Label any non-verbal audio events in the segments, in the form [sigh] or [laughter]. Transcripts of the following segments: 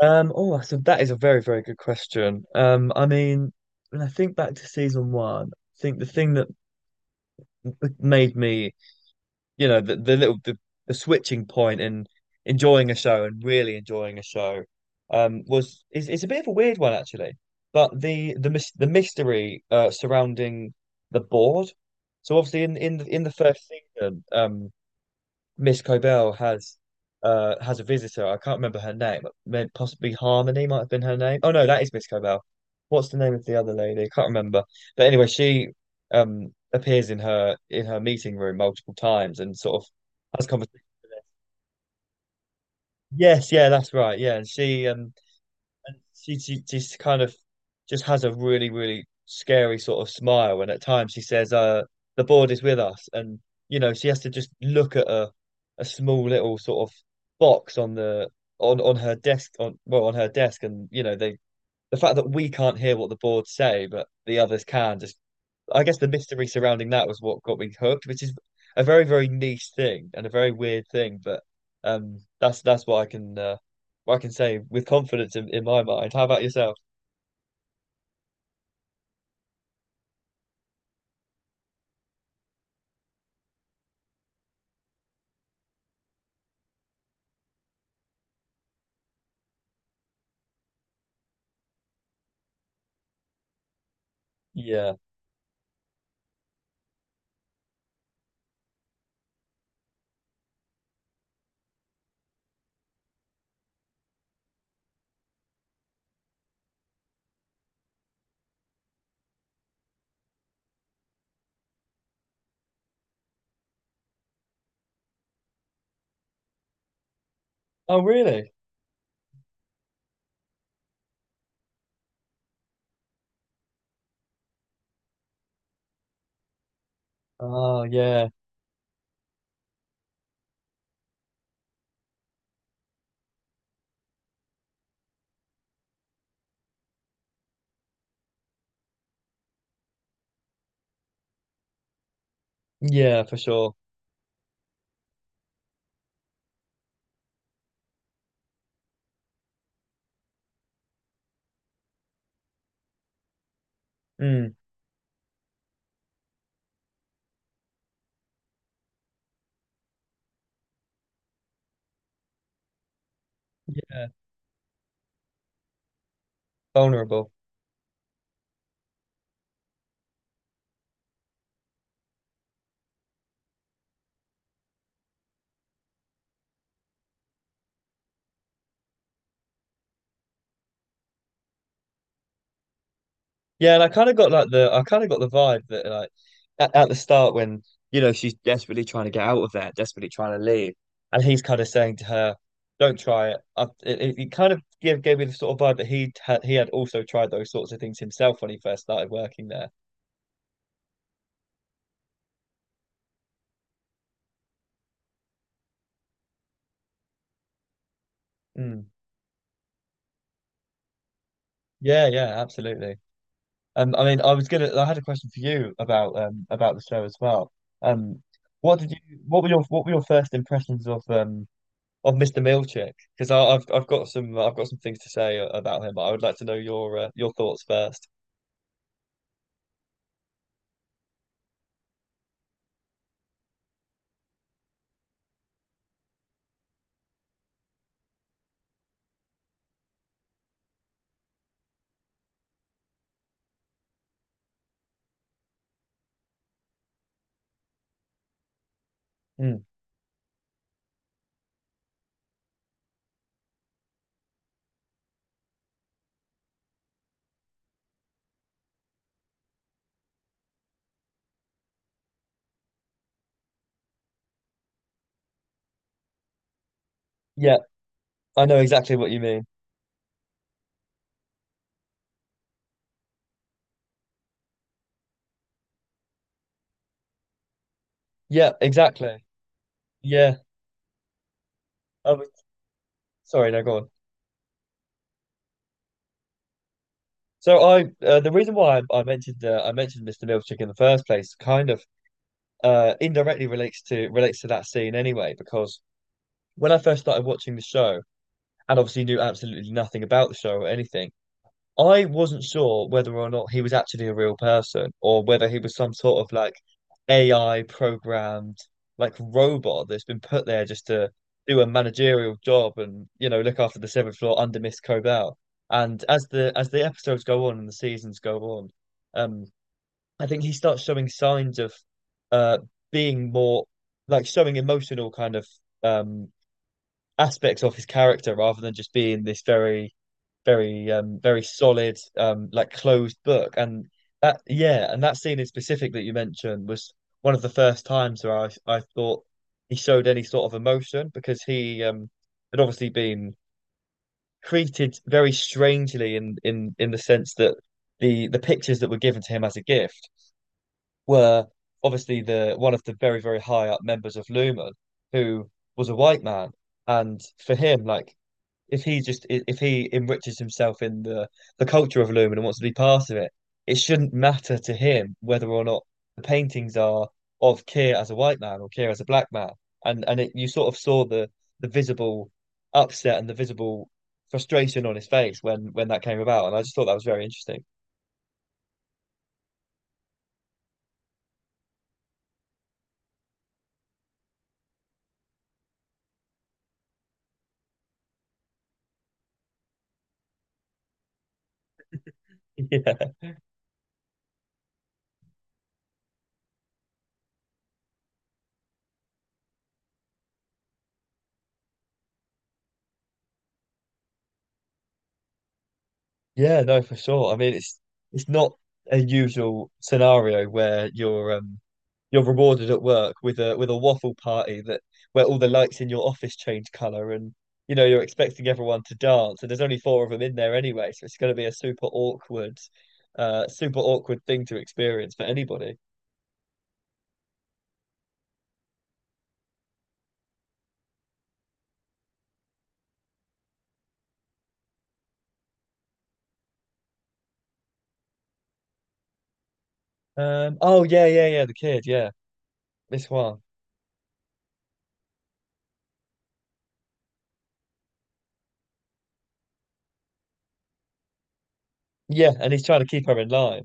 Oh, that's that is a very, very good question. When I think back to season one, I think the thing that made me, you know, the, the little the, the switching point in enjoying a show and really enjoying a show, was is it's a bit of a weird one actually, but the mystery surrounding the board. So obviously in the first season, Miss Cobell has a visitor. I can't remember her name. Possibly Harmony might have been her name. Oh no, that is Miss Cobell. What's the name of the other lady? I can't remember. But anyway, she appears in her meeting room multiple times and sort of has conversation. Yes, yeah, that's right. Yeah, and she just kind of just has a really really scary sort of smile, and at times she says the board is with us. And you know, she has to just look at a small little sort of box on her desk on her desk. And you know, the fact that we can't hear what the board say but the others can, just I guess the mystery surrounding that was what got me hooked, which is a very, very niche thing and a very weird thing. But that's what I can say with confidence in my mind. How about yourself? Yeah. Oh, really? Oh, yeah. Yeah, for sure. Mm, yeah. Vulnerable. Yeah, and I kind of got the vibe that like at the start when you know she's desperately trying to get out of there, desperately trying to leave, and he's kind of saying to her, "Don't try it." It kind of gave me the sort of vibe that he had also tried those sorts of things himself when he first started working there. Mm. Yeah, yeah, absolutely. I mean, I was gonna I had a question for you about the show as well. Um, what did you what were your first impressions of Mr. Milchick, because I've got some, I've got some things to say about him, but I would like to know your thoughts first. Hmm. Yeah, I know exactly what you mean. Yeah, exactly. Yeah. Oh, sorry, no, go on. So I the reason why I mentioned Mr. Milchick in the first place kind of indirectly relates to that scene anyway, because when I first started watching the show and obviously knew absolutely nothing about the show or anything. I wasn't sure whether or not he was actually a real person, or whether he was some sort of like AI programmed like robot that's been put there just to do a managerial job and you know look after the seventh floor under Miss Cobell. And as the episodes go on and the seasons go on, um, I think he starts showing signs of uh being more like showing emotional kind of um aspects of his character, rather than just being this very very solid, like closed book. And that, yeah, and that scene in specific that you mentioned was one of the first times where I thought he showed any sort of emotion, because he had obviously been treated very strangely in the sense that the pictures that were given to him as a gift were obviously the one of the very very high up members of Lumen, who was a white man. And for him, like, if he just if he enriches himself in the culture of Lumen and wants to be part of it, it shouldn't matter to him whether or not the paintings are of Keir as a white man or Keir as a black man. And it, you sort of saw the visible upset and the visible frustration on his face when that came about, and I just thought that was very interesting. [laughs] Yeah, yeah, no, for sure. I mean, it's not a usual scenario where you're rewarded at work with a waffle party, that where all the lights in your office change color, and you know you're expecting everyone to dance and there's only four of them in there anyway, so it's going to be a super awkward thing to experience for anybody. Oh, yeah, yeah, yeah, the kid, yeah. This one. Yeah, and he's trying to keep her in line.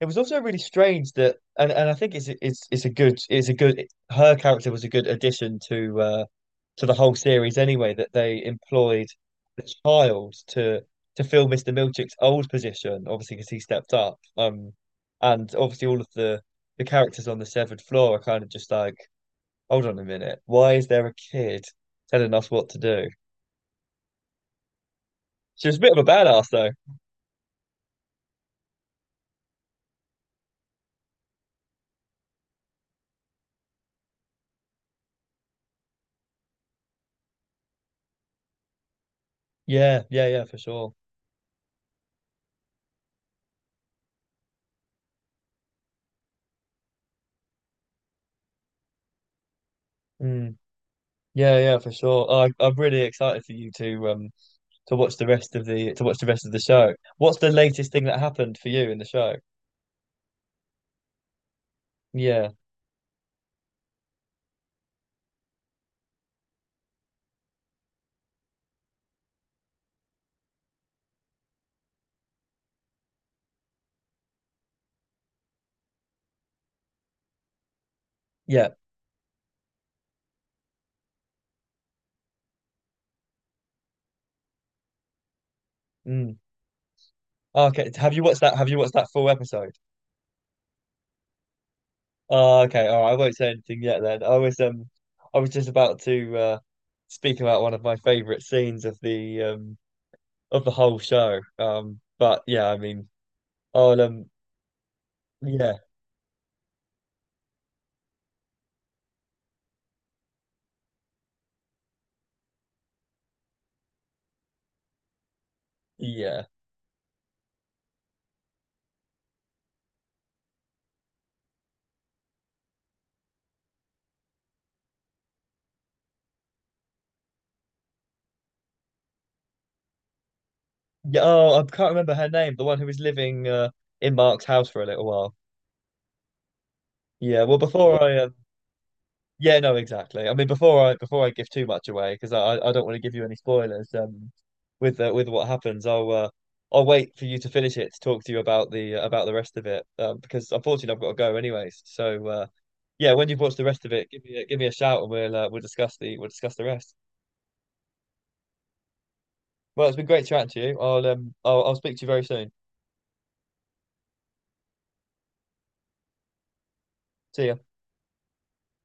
It was also really strange that, and I think it's a good, her character was a good addition to the whole series anyway, that they employed the child to fill Mr. Milchick's old position obviously because he stepped up. And obviously all of the characters on the severed floor are kind of just like, hold on a minute, why is there a kid telling us what to do? She was a bit of a badass though. Yeah, yeah, yeah, for sure. Mm, yeah, yeah, for sure. I'm really excited for you to watch the rest of the to watch the rest of the show. What's the latest thing that happened for you in the show? Yeah, yeah. Mm. Ah, okay, have you watched that? Have you watched that full episode? Oh, okay, all right. I won't say anything yet then. I was just about to speak about one of my favorite scenes of the whole show. But yeah, I mean, I'll yeah, yeah, yeah. Oh, I can't remember her name. The one who was living in Mark's house for a little while. Yeah. Well, before I yeah, no, exactly. I mean, before I give too much away, because I don't want to give you any spoilers. With what happens, I'll wait for you to finish it to talk to you about the rest of it. Because unfortunately I've got to go anyways. So yeah, when you've watched the rest of it, give me a shout, and we'll discuss the rest. Well, it's been great chatting to you. I'll I'll speak to you very soon. See ya.